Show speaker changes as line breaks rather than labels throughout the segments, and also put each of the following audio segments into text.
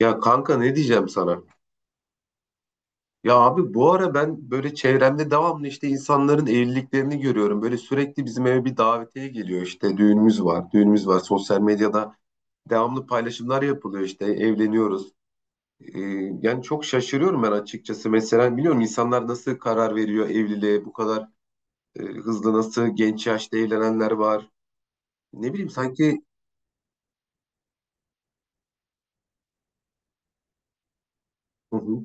Ya kanka ne diyeceğim sana? Ya abi bu ara ben böyle çevremde devamlı işte insanların evliliklerini görüyorum. Böyle sürekli bizim eve bir davetiye geliyor işte düğünümüz var, düğünümüz var. Sosyal medyada devamlı paylaşımlar yapılıyor işte evleniyoruz. Ee, yani çok şaşırıyorum ben açıkçası. Mesela biliyorum insanlar nasıl karar veriyor evliliğe bu kadar hızlı nasıl genç yaşta evlenenler var. Ne bileyim sanki hı hı.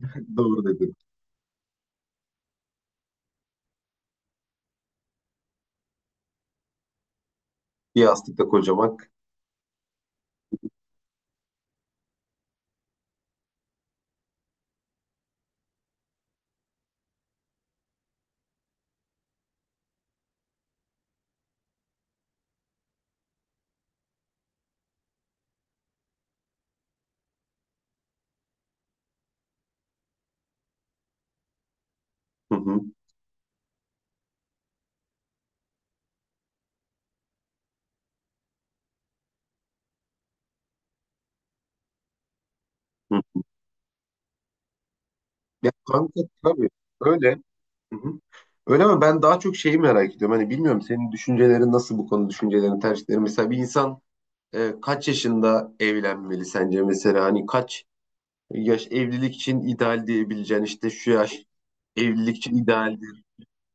Doğru dedim. Bir yastıkta kocamak. Hı hı, hı. Ya kanka tabii öyle. Hı hı. Öyle mi? Ben daha çok şeyi merak ediyorum. Hani bilmiyorum senin düşüncelerin nasıl bu konu düşüncelerin, tercihlerin. Mesela bir insan kaç yaşında evlenmeli sence mesela? Hani kaç yaş evlilik için ideal diyebileceğin işte şu yaş evlilik için idealdir.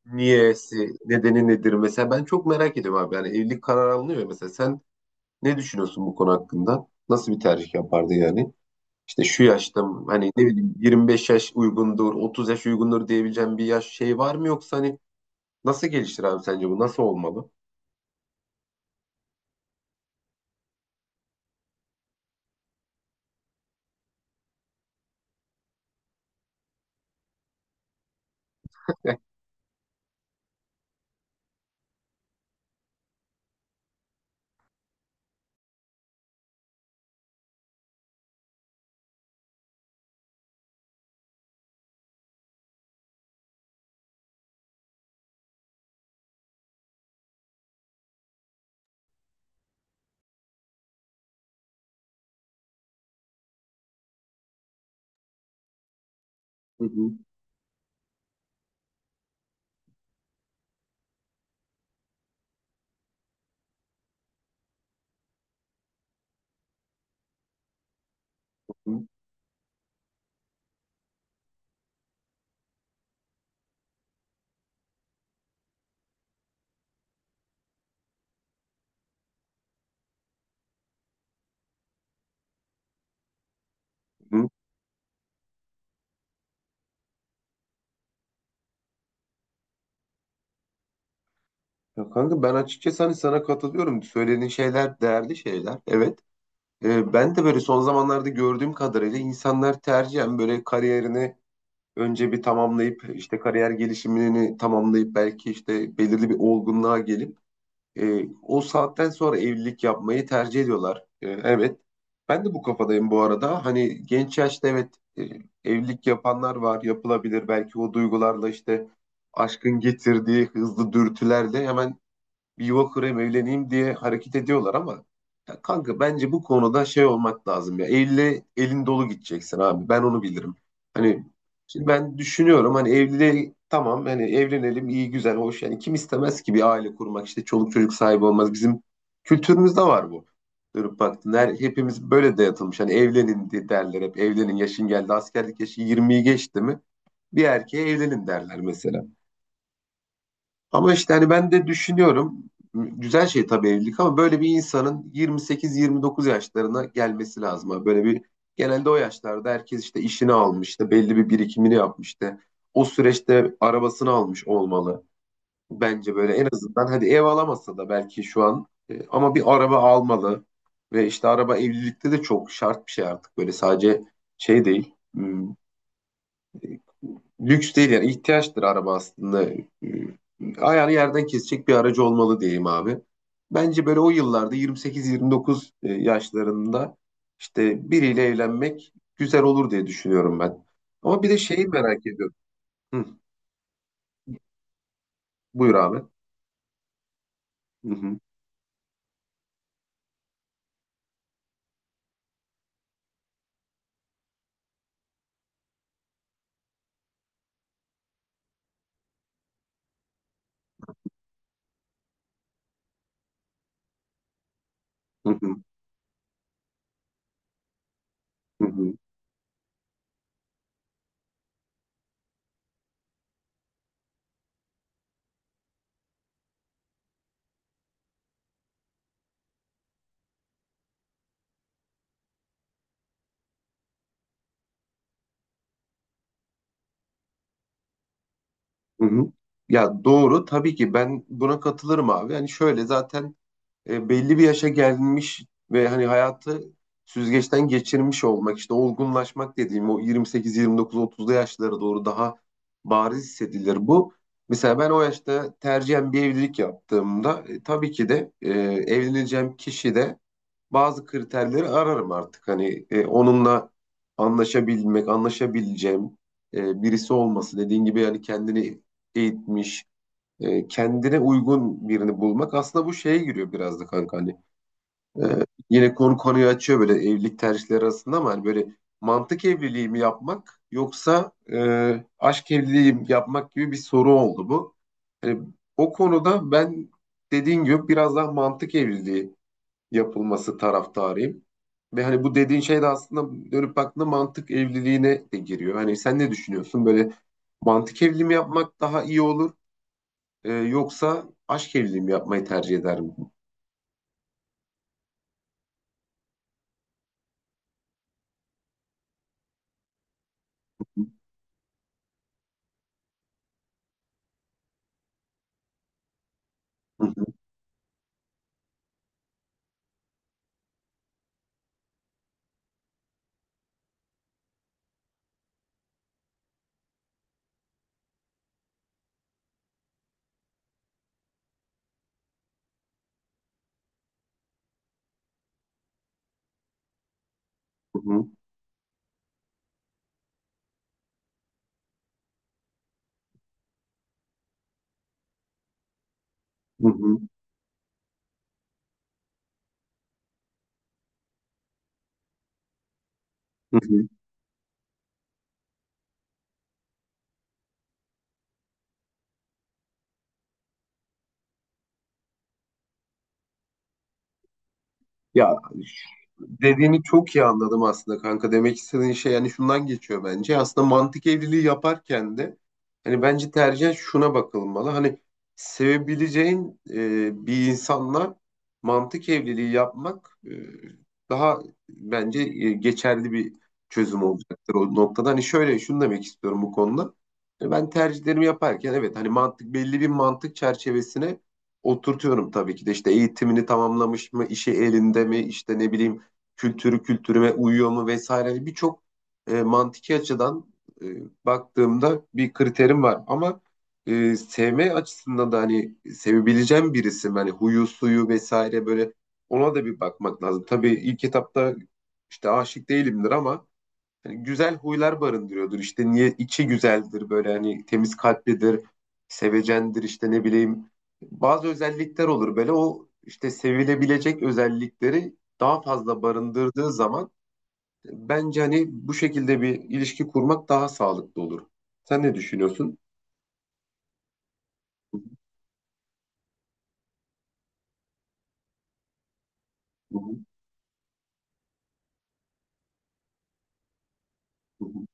Niyesi, nedeni nedir? Mesela ben çok merak ediyorum abi. Yani evlilik kararı alınıyor ya mesela. Sen ne düşünüyorsun bu konu hakkında? Nasıl bir tercih yapardı yani? İşte şu yaşta mı? Hani ne bileyim 25 yaş uygundur, 30 yaş uygundur diyebileceğim bir yaş şey var mı yoksa hani nasıl geliştir abi sence bu? Nasıl olmalı? Hı hı, hı hı. Ya kanka ben açıkçası hani sana katılıyorum. Söylediğin şeyler değerli şeyler. Evet. Ben de böyle son zamanlarda gördüğüm kadarıyla insanlar tercihen böyle kariyerini önce bir tamamlayıp işte kariyer gelişimini tamamlayıp belki işte belirli bir olgunluğa gelip o saatten sonra evlilik yapmayı tercih ediyorlar. E, evet. Ben de bu kafadayım bu arada. Hani genç yaşta evet evlilik yapanlar var, yapılabilir. Belki o duygularla işte aşkın getirdiği hızlı dürtülerle hemen bir yuva kurayım evleneyim diye hareket ediyorlar ama ya kanka bence bu konuda şey olmak lazım ya elle elin dolu gideceksin abi ben onu bilirim. Hani şimdi ben düşünüyorum hani evliliğe tamam hani evlenelim iyi güzel hoş yani kim istemez ki bir aile kurmak işte çoluk çocuk sahibi olmaz bizim kültürümüzde var bu. Dönüp baktın her, hepimiz böyle dayatılmış hani evlenin diye derler hep evlenin yaşın geldi askerlik yaşı 20'yi geçti mi bir erkeğe evlenin derler mesela. Ama işte hani ben de düşünüyorum güzel şey tabii evlilik ama böyle bir insanın 28-29 yaşlarına gelmesi lazım. Abi. Böyle bir genelde o yaşlarda herkes işte işini almış, işte belli bir birikimini yapmış işte. O süreçte arabasını almış olmalı. Bence böyle en azından hadi ev alamasa da belki şu an ama bir araba almalı. Ve işte araba evlilikte de çok şart bir şey artık böyle sadece şey değil. Lüks değil yani ihtiyaçtır araba aslında. Ayağını yerden kesecek bir aracı olmalı diyeyim abi. Bence böyle o yıllarda 28-29 yaşlarında işte biriyle evlenmek güzel olur diye düşünüyorum ben. Ama bir de şeyi merak ediyorum. Hı, buyur abi. Hı hı, hı hı, hı hı, hı hı. Ya doğru tabii ki ben buna katılırım abi. Yani şöyle zaten belli bir yaşa gelmiş ve hani hayatı süzgeçten geçirmiş olmak işte olgunlaşmak dediğim o 28 29 30'lu yaşlara doğru daha bariz hissedilir bu. Mesela ben o yaşta tercihen bir evlilik yaptığımda tabii ki de evleneceğim kişi de bazı kriterleri ararım artık. Hani onunla anlaşabilmek, anlaşabileceğim birisi olması. Dediğin gibi yani kendini eğitmiş, kendine uygun birini bulmak aslında bu şeye giriyor biraz da kanka hani. E, yine konu konuyu açıyor böyle evlilik tercihleri arasında ama hani böyle mantık evliliği mi yapmak yoksa aşk evliliği mi yapmak gibi bir soru oldu bu. Hani o konuda ben dediğin gibi biraz daha mantık evliliği yapılması taraftarıyım. Ve hani bu dediğin şey de aslında dönüp baktığında mantık evliliğine de giriyor. Hani sen ne düşünüyorsun? Böyle mantık evliliği mi yapmak daha iyi olur? Yoksa aşk evliliği mi yapmayı tercih ederim? Hı hı, hı hı, hı hı, hı hı. Ya dediğini çok iyi anladım aslında kanka. Demek istediğin şey yani şundan geçiyor bence. Aslında mantık evliliği yaparken de hani bence tercih şuna bakılmalı. Hani sevebileceğin bir insanla mantık evliliği yapmak daha bence geçerli bir çözüm olacaktır o noktada. Hani şöyle şunu demek istiyorum bu konuda. Ben tercihlerimi yaparken evet hani mantık belli bir mantık çerçevesine oturtuyorum tabii ki de işte eğitimini tamamlamış mı, işi elinde mi, işte ne bileyim kültürü kültürüme uyuyor mu vesaire birçok mantiki açıdan e, baktığımda bir kriterim var. Ama sevme açısından da hani sevebileceğim birisi mi? Hani huyu suyu vesaire böyle ona da bir bakmak lazım. Tabii ilk etapta işte aşık değilimdir ama hani güzel huylar barındırıyordur. İşte niye içi güzeldir böyle hani temiz kalplidir, sevecendir işte ne bileyim. Bazı özellikler olur böyle o işte sevilebilecek özellikleri daha fazla barındırdığı zaman bence hani bu şekilde bir ilişki kurmak daha sağlıklı olur. Sen ne düşünüyorsun? Hı hı, hı hı,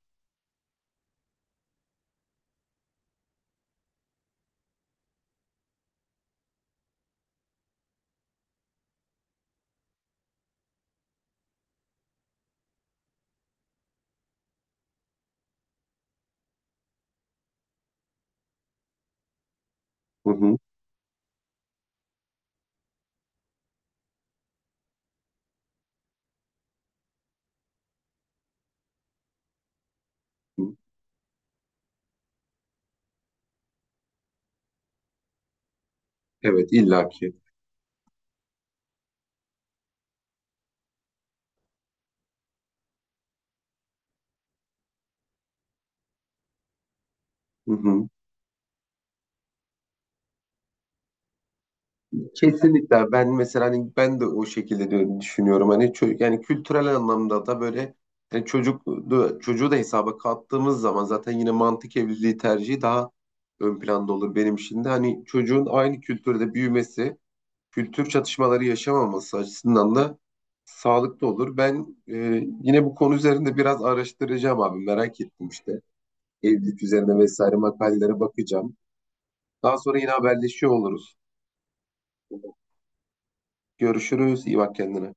hı hı, hı. Evet illaki. Hı hı. Kesinlikle ben mesela hani ben de o şekilde düşünüyorum hani yani kültürel anlamda da böyle yani çocuğu da hesaba kattığımız zaman zaten yine mantık evliliği tercihi daha ön planda olur benim için de hani çocuğun aynı kültürde büyümesi kültür çatışmaları yaşamaması açısından da sağlıklı olur. Ben yine bu konu üzerinde biraz araştıracağım abi merak ettim işte evlilik üzerine vesaire makalelere bakacağım. Daha sonra yine haberleşiyor oluruz. Görüşürüz. İyi bak kendine.